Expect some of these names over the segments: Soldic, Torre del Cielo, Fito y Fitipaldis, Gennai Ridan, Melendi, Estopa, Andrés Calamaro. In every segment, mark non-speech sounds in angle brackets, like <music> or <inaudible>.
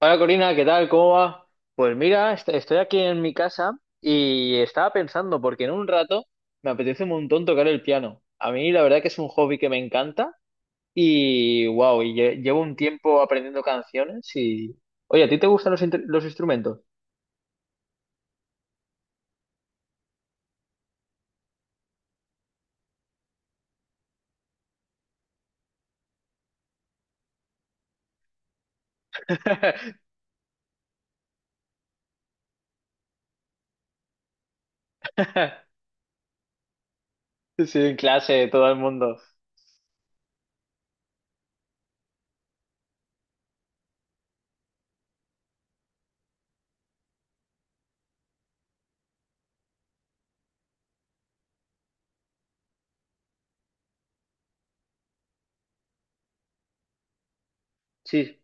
Hola Corina, ¿qué tal? ¿Cómo va? Pues mira, estoy aquí en mi casa y estaba pensando, porque en un rato me apetece un montón tocar el piano. A mí la verdad que es un hobby que me encanta y wow, y llevo un tiempo aprendiendo canciones Oye, ¿a ti te gustan los instrumentos? <laughs> Sí, en clase, todo el mundo. Sí.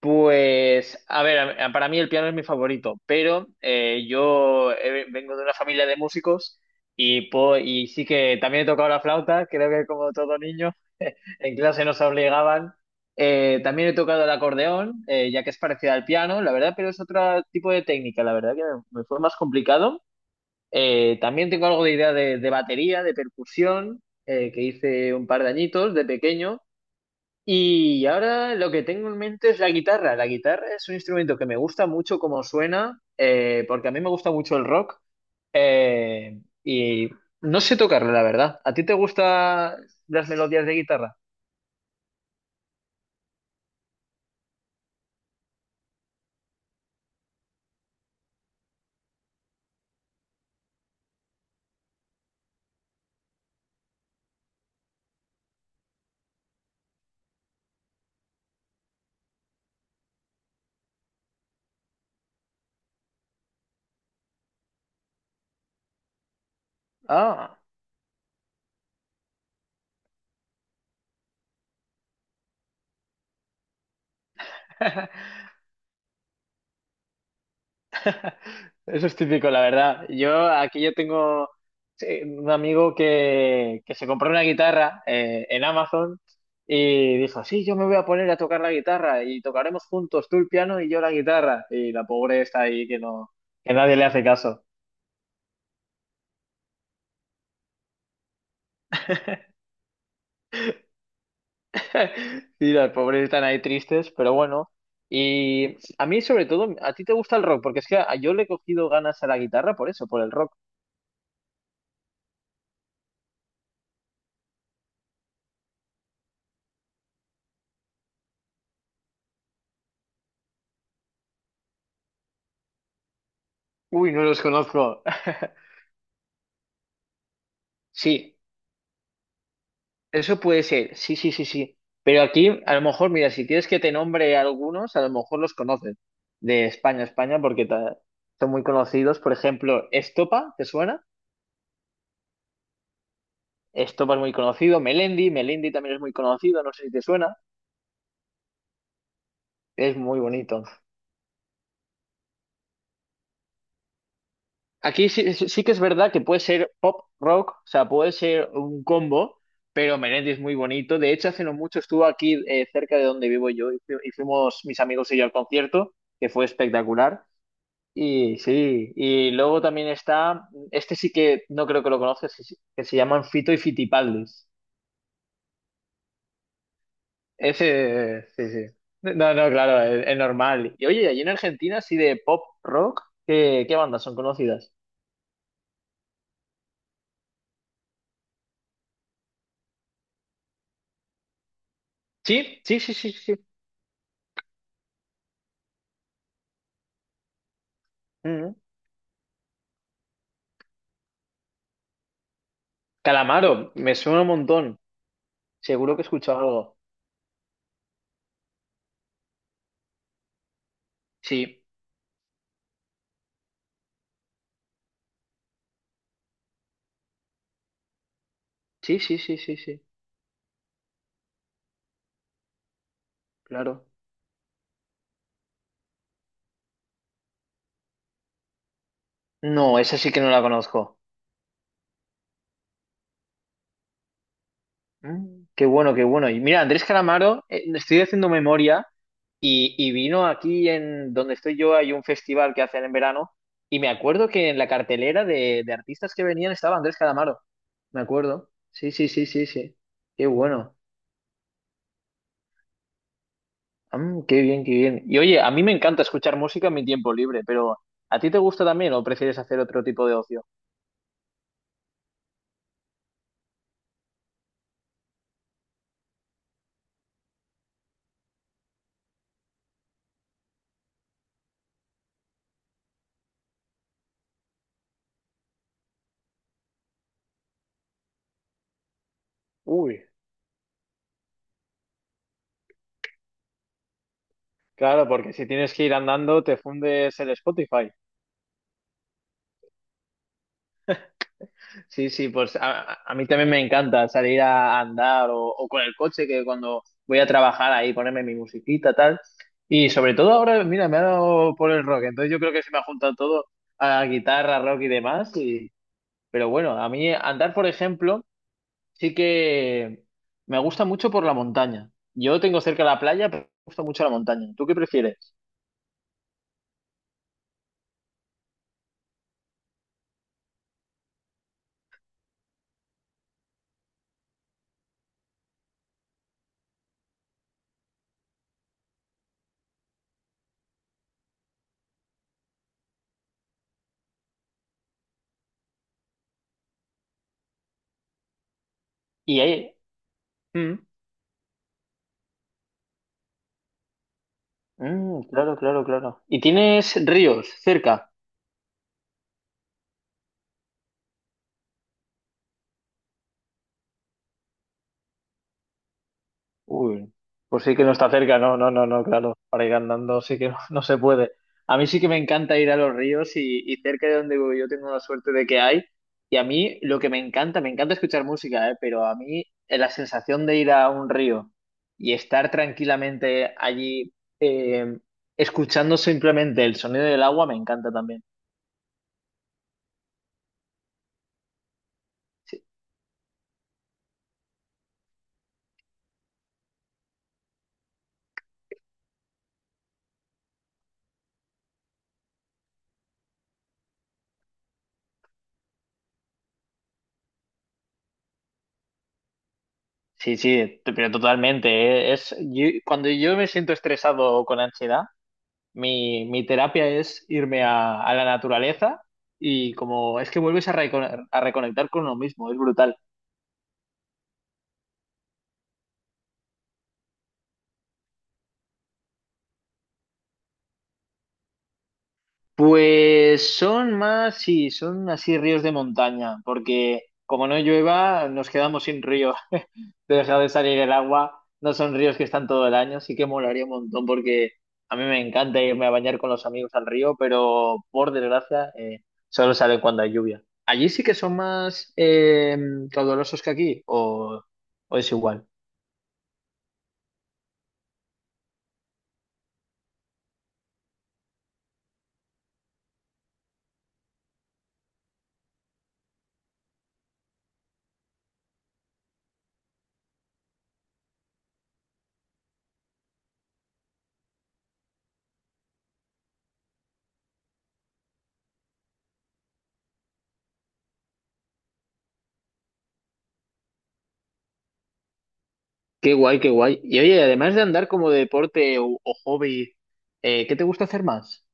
Pues, a ver, para mí el piano es mi favorito, pero yo vengo de una familia de músicos y, y sí que también he tocado la flauta, creo que como todo niño, en clase nos obligaban. También he tocado el acordeón, ya que es parecida al piano, la verdad, pero es otro tipo de técnica, la verdad que me fue más complicado. También tengo algo de idea de batería, de percusión, que hice un par de añitos de pequeño. Y ahora lo que tengo en mente es la guitarra. La guitarra es un instrumento que me gusta mucho como suena, porque a mí me gusta mucho el rock, eh, y no sé tocarlo, la verdad. ¿A ti te gustan las melodías de guitarra? Ah. Eso es típico, la verdad. Yo aquí yo tengo sí, un amigo que se compró una guitarra en Amazon y dijo, sí, yo me voy a poner a tocar la guitarra y tocaremos juntos, tú el piano y yo la guitarra. Y la pobre está ahí que no, que nadie le hace caso. <laughs> Y las pobres están ahí tristes, pero bueno. Y a mí sobre todo, a ti te gusta el rock, porque es que yo le he cogido ganas a la guitarra por eso, por el rock. Uy, no los conozco. <laughs> Sí. Eso puede ser, sí, sí, sí, sí. Pero aquí, a lo mejor, mira, si quieres que te nombre algunos, a lo mejor los conoces de España, España, porque son muy conocidos. Por ejemplo, Estopa, ¿te suena? Estopa es muy conocido. Melendi, Melendi también es muy conocido, no sé si te suena. Es muy bonito. Aquí sí, sí que es verdad que puede ser pop rock, o sea, puede ser un combo, pero Melendi es muy bonito. De hecho, hace no mucho estuvo aquí cerca de donde vivo yo y y fuimos mis amigos y yo al concierto, que fue espectacular. Y sí, y luego también está, este sí que no creo que lo conozcas, que se llaman Fito y Fitipaldis. Ese, sí, sí. No, no, claro, es normal. Y oye, allí en Argentina, así de pop rock, ¿qué bandas son conocidas? Sí, sí, sí, sí, sí. Mm. Calamaro, me suena un montón. Seguro que he escuchado algo. Sí, sí, sí, sí, sí, sí, claro. No, esa sí que no la conozco. Mm, qué bueno, qué bueno. Y mira, Andrés Calamaro, estoy haciendo memoria y vino aquí en donde estoy yo, hay un festival que hacen en verano y me acuerdo que en la cartelera de artistas que venían estaba Andrés Calamaro. Me acuerdo. Sí, sí, sí, sí, sí. Qué bueno. Mm, qué bien, qué bien. Y oye, a mí me encanta escuchar música en mi tiempo libre, pero ¿a ti te gusta también o prefieres hacer otro tipo de ocio? Uy, claro, porque si tienes que ir andando, te fundes el Spotify. Sí, sí, pues a mí también me encanta salir a andar o con el coche, que cuando voy a trabajar ahí ponerme mi musiquita, tal. Y sobre todo ahora, mira, me ha dado por el rock, entonces yo creo que se me ha juntado todo a guitarra, rock y demás. Pero bueno, a mí andar, por ejemplo, sí que me gusta mucho por la montaña. Yo tengo cerca la playa, pero me gusta mucho la montaña. ¿Tú qué prefieres? Y ahí. Mm, mm, claro, claro, claro. ¿Y tienes ríos cerca? Uy, pues sí que no está cerca, no, no, no, no, claro, para ir andando sí que <laughs> no, no se puede. A mí sí que me encanta ir a los ríos y cerca de donde vivo yo tengo la suerte de que hay. Y a mí lo que me encanta escuchar música, ¿eh? Pero a mí la sensación de ir a un río y estar tranquilamente allí eh, escuchando simplemente el sonido del agua me encanta también. Sí, sí, sí, pero totalmente. ¿Eh? Cuando yo me siento estresado o con ansiedad, mi terapia es irme a la naturaleza y como es que vuelves a, a reconectar con uno mismo, es brutal. Pues son más, sí, son así ríos de montaña, porque como no llueva, nos quedamos sin río. <laughs> Te deja de salir el agua, no son ríos que están todo el año, sí que molaría un montón porque a mí me encanta irme a bañar con los amigos al río, pero por desgracia solo salen cuando hay lluvia. Allí sí que son más caudalosos que aquí, o es igual. Qué guay, qué guay. Y oye, además de andar como deporte o hobby, ¿qué te gusta hacer más?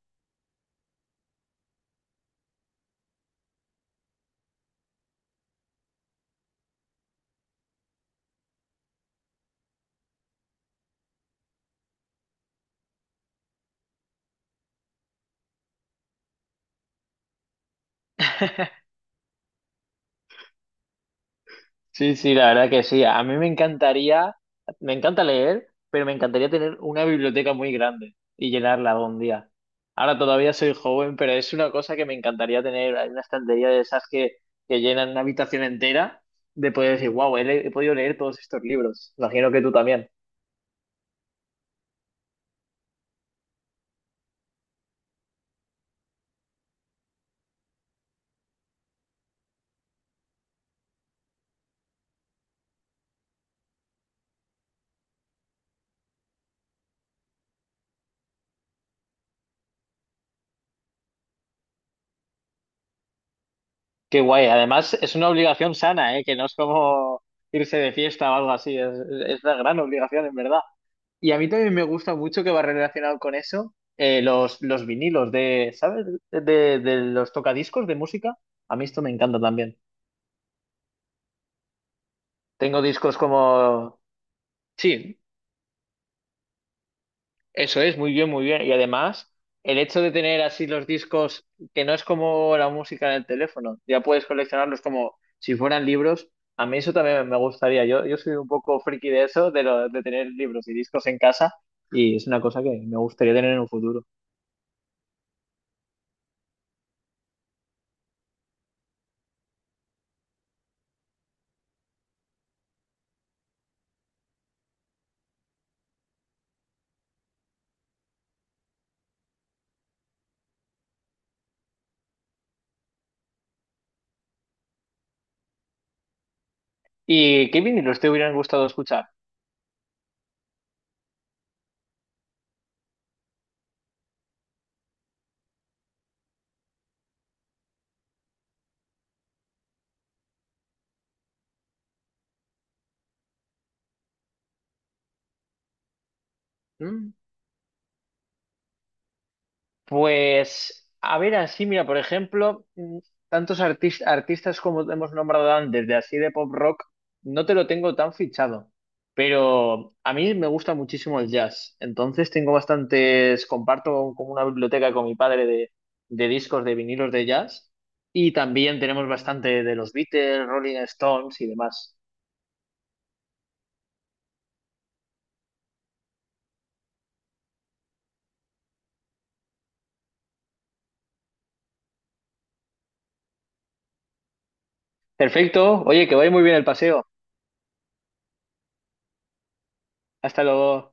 Sí, sí, la verdad que sí. A mí me encantaría, me encanta leer, pero me encantaría tener una biblioteca muy grande y llenarla algún día. Ahora todavía soy joven, pero es una cosa que me encantaría tener. Hay una estantería de esas que llenan una habitación entera de poder decir, wow, he podido leer todos estos libros. Imagino que tú también. Qué guay. Además, es una obligación sana, ¿eh? Que no es como irse de fiesta o algo así. Es una gran obligación, en verdad. Y a mí también me gusta mucho que va relacionado con eso, los vinilos de, ¿sabes? De los tocadiscos de música. A mí esto me encanta también. Tengo discos como. Sí, eso es, muy bien, muy bien. Y además, el hecho de tener así los discos, que no es como la música en el teléfono, ya puedes coleccionarlos como si fueran libros. A mí eso también me gustaría. Yo soy un poco friki de eso, de tener libros y discos en casa, y es una cosa que me gustaría tener en un futuro. ¿Y qué vinilos te hubieran gustado escuchar? Mm, pues, a ver, así, mira, por ejemplo, mm, tantos artistas como hemos nombrado antes, de así de pop rock, no te lo tengo tan fichado, pero a mí me gusta muchísimo el jazz, entonces tengo bastantes, comparto como una biblioteca con mi padre de discos de vinilos de jazz y también tenemos bastante de los Beatles, Rolling Stones y demás. Perfecto, oye, que vaya muy bien el paseo. Hasta luego.